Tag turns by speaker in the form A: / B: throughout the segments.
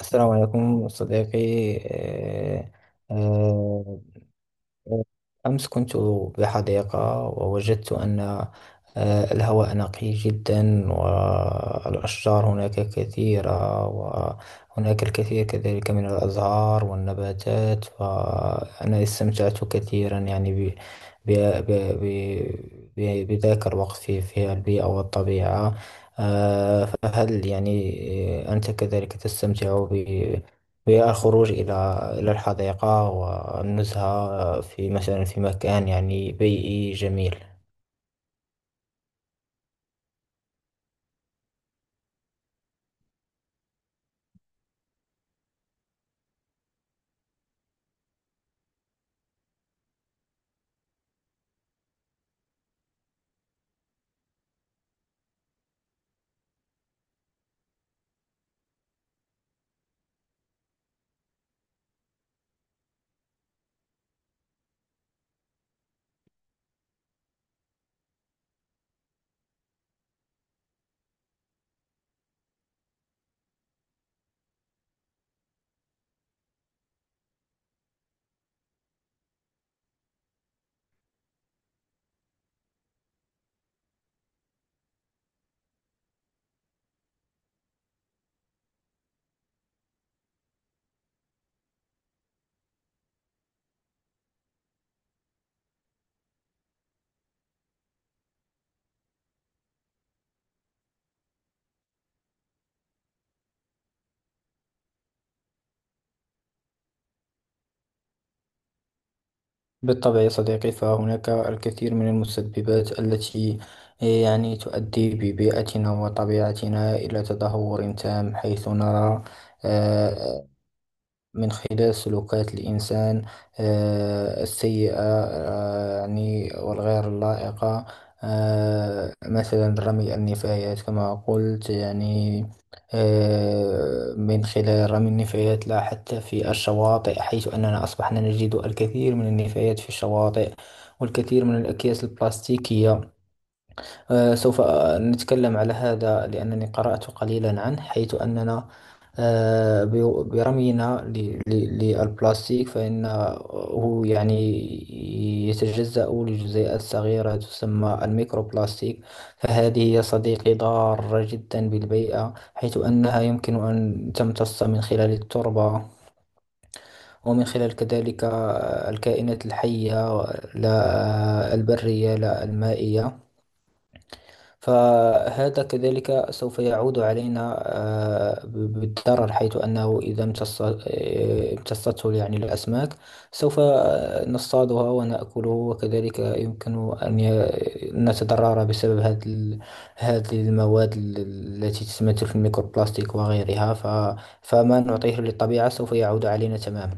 A: السلام عليكم صديقي. آه، أمس كنت بحديقة ووجدت أن الهواء نقي جدا، والأشجار هناك كثيرة، وهناك الكثير كذلك من الأزهار والنباتات، فأنا استمتعت كثيرا يعني ب ب ب بذاك الوقت في البيئة والطبيعة. فهل يعني أنت كذلك تستمتع هي الخروج إلى الحديقة والنزهة في مثلا في مكان يعني بيئي جميل؟ بالطبع يا صديقي، فهناك الكثير من المسببات التي يعني تؤدي ببيئتنا وطبيعتنا إلى تدهور تام، حيث نرى آه، من خلال سلوكات الإنسان السيئة يعني والغير اللائقة. مثلا رمي النفايات كما قلت يعني، من خلال رمي النفايات لا حتى في الشواطئ، حيث أننا أصبحنا نجد الكثير من النفايات في الشواطئ والكثير من الأكياس البلاستيكية. سوف نتكلم على هذا لأنني قرأت قليلا عنه، حيث أننا برمينا للبلاستيك فإنه يعني يتجزأ لجزيئات صغيرة تسمى الميكروبلاستيك. فهذه يا صديقي ضارة جدا بالبيئة، حيث أنها يمكن أن تمتص من خلال التربة ومن خلال كذلك الكائنات الحية، لا البرية لا المائية. فهذا كذلك سوف يعود علينا بالضرر، حيث أنه إذا امتصته يعني الأسماك، سوف نصطادها ونأكله، وكذلك يمكن أن نتضرر بسبب هذه المواد التي تتمثل في الميكروبلاستيك وغيرها. فما نعطيه للطبيعة سوف يعود علينا تماما.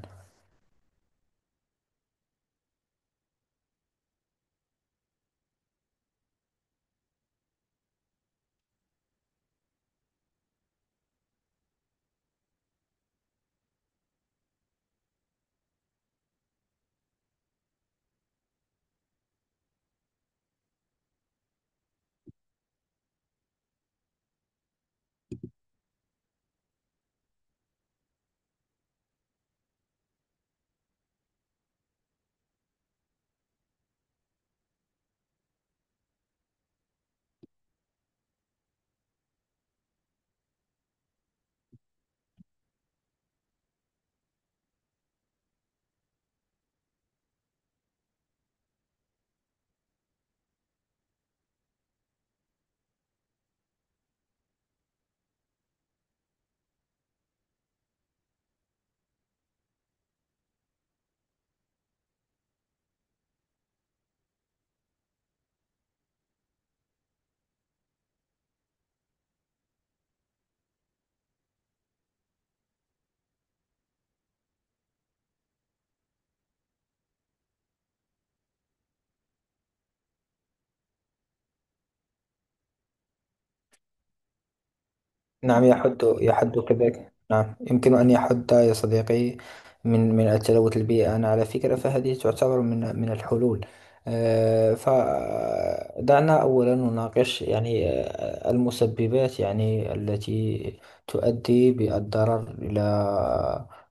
A: نعم، يحد كذلك، نعم، يمكن أن يحد يا صديقي من التلوث البيئي. أنا على فكرة فهذه تعتبر من الحلول. فدعنا أولا نناقش يعني المسببات يعني التي تؤدي بالضرر إلى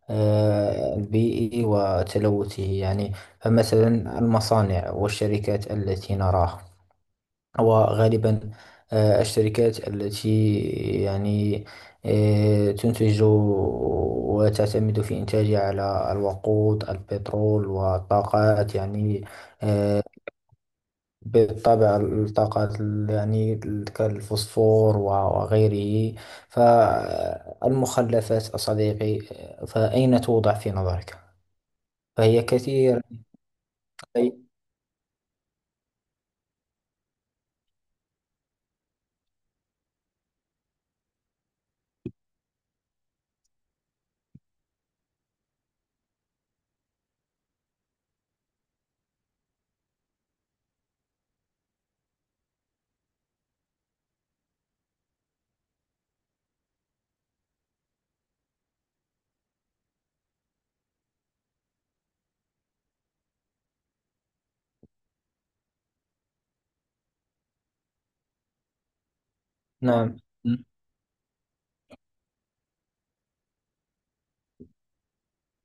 A: البيئي وتلوثه يعني. فمثلا المصانع والشركات التي نراها، وغالبا الشركات التي يعني تنتج وتعتمد في إنتاجها على الوقود البترول والطاقات يعني. آه، بالطبع الطاقات يعني كالفوسفور و وغيره فالمخلفات صديقي، فأين توضع في نظرك؟ فهي كثير. نعم.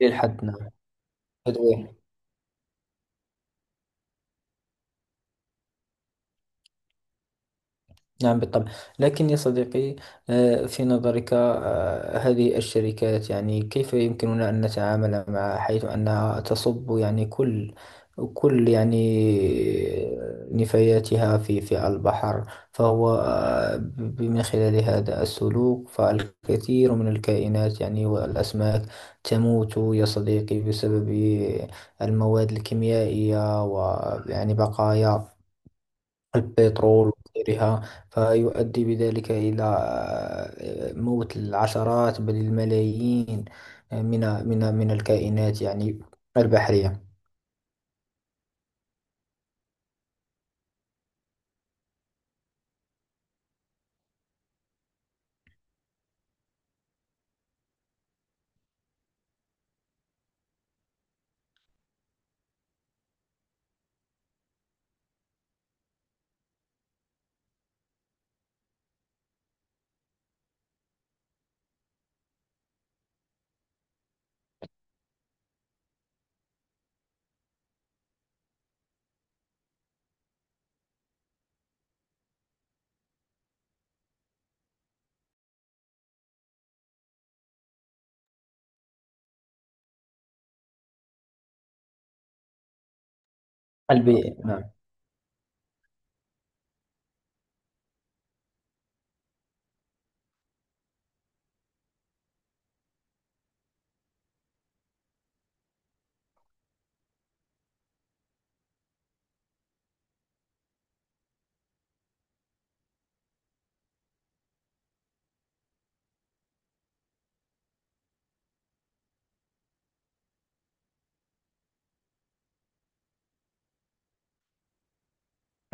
A: للحد، نعم. تدوير. نعم، بالطبع. لكن يا صديقي، في نظرك هذه الشركات يعني كيف يمكننا أن نتعامل مع، حيث أنها تصب يعني كل يعني نفاياتها في البحر؟ فهو من خلال هذا السلوك فالكثير من الكائنات يعني والأسماك تموت يا صديقي بسبب المواد الكيميائية، ويعني بقايا البترول وغيرها. فيؤدي بذلك إلى موت العشرات بل الملايين من من الكائنات يعني البحرية. نعم.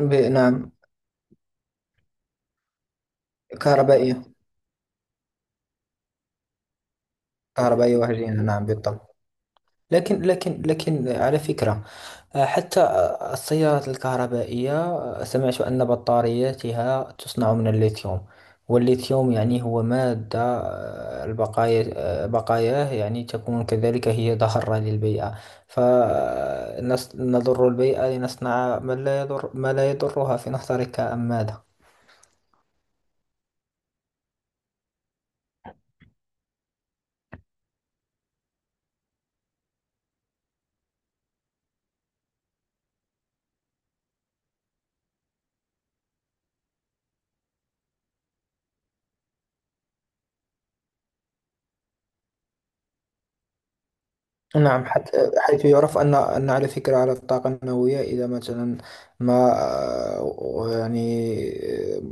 A: نعم. كهربائية. كهربائية وهجينة، نعم بالطبع. لكن، لكن على فكرة، حتى السيارات الكهربائية، سمعت أن بطارياتها تصنع من الليثيوم. والليثيوم يعني هو مادة، البقايا بقاياه يعني تكون كذلك هي ضارة للبيئة. فنضر البيئة لنصنع ما لا يضر، ما لا يضرها في نظرك، أم ماذا؟ نعم، حيث يعرف أن على فكرة على الطاقة النووية إذا مثلا ما يعني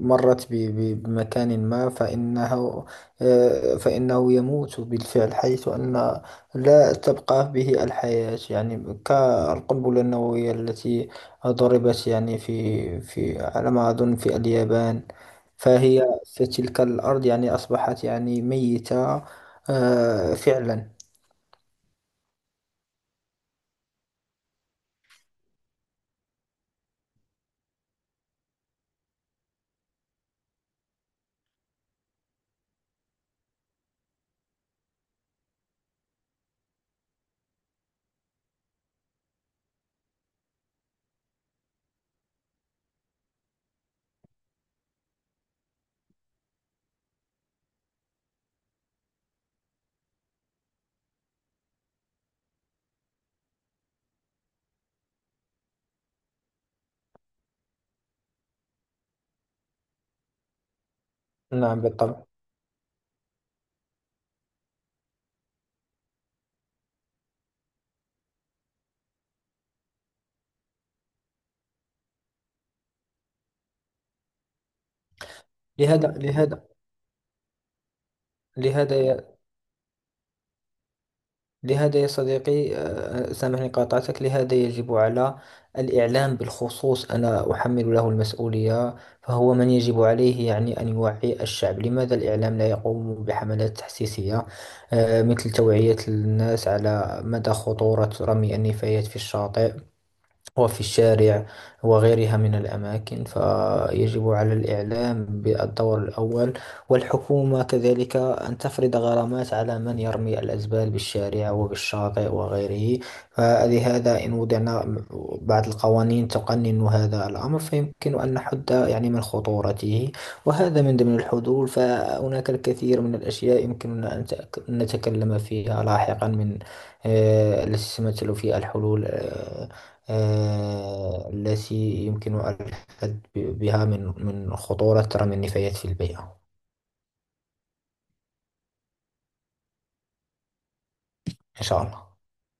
A: مرت بمكان ما، فإنه فإنه يموت بالفعل، حيث أن لا تبقى به الحياة يعني، كالقنبلة النووية التي ضربت يعني في على ما أظن في اليابان. فهي في تلك الأرض يعني أصبحت يعني ميتة فعلا. نعم بالطبع. لهذا لهذا لهذا يا لهذا يا صديقي، سامحني قاطعتك، لهذا يجب على الإعلام بالخصوص، أنا أحمل له المسؤولية. فهو من يجب عليه يعني أن يوعي الشعب. لماذا الإعلام لا يقوم بحملات تحسيسية مثل توعية الناس على مدى خطورة رمي النفايات في الشاطئ وفي الشارع وغيرها من الأماكن؟ فيجب على الإعلام بالدور الأول، والحكومة كذلك أن تفرض غرامات على من يرمي الأزبال بالشارع وبالشاطئ وغيره. فلهذا إن وضعنا بعض القوانين تقنن هذا الأمر، فيمكن أن نحد يعني من خطورته، وهذا من ضمن الحلول. فهناك الكثير من الأشياء يمكننا أن نتكلم فيها لاحقا من التي تتمثل في الحلول، التي يمكن الحد بها من خطورة رمي النفايات في البيئة. إن شاء الله.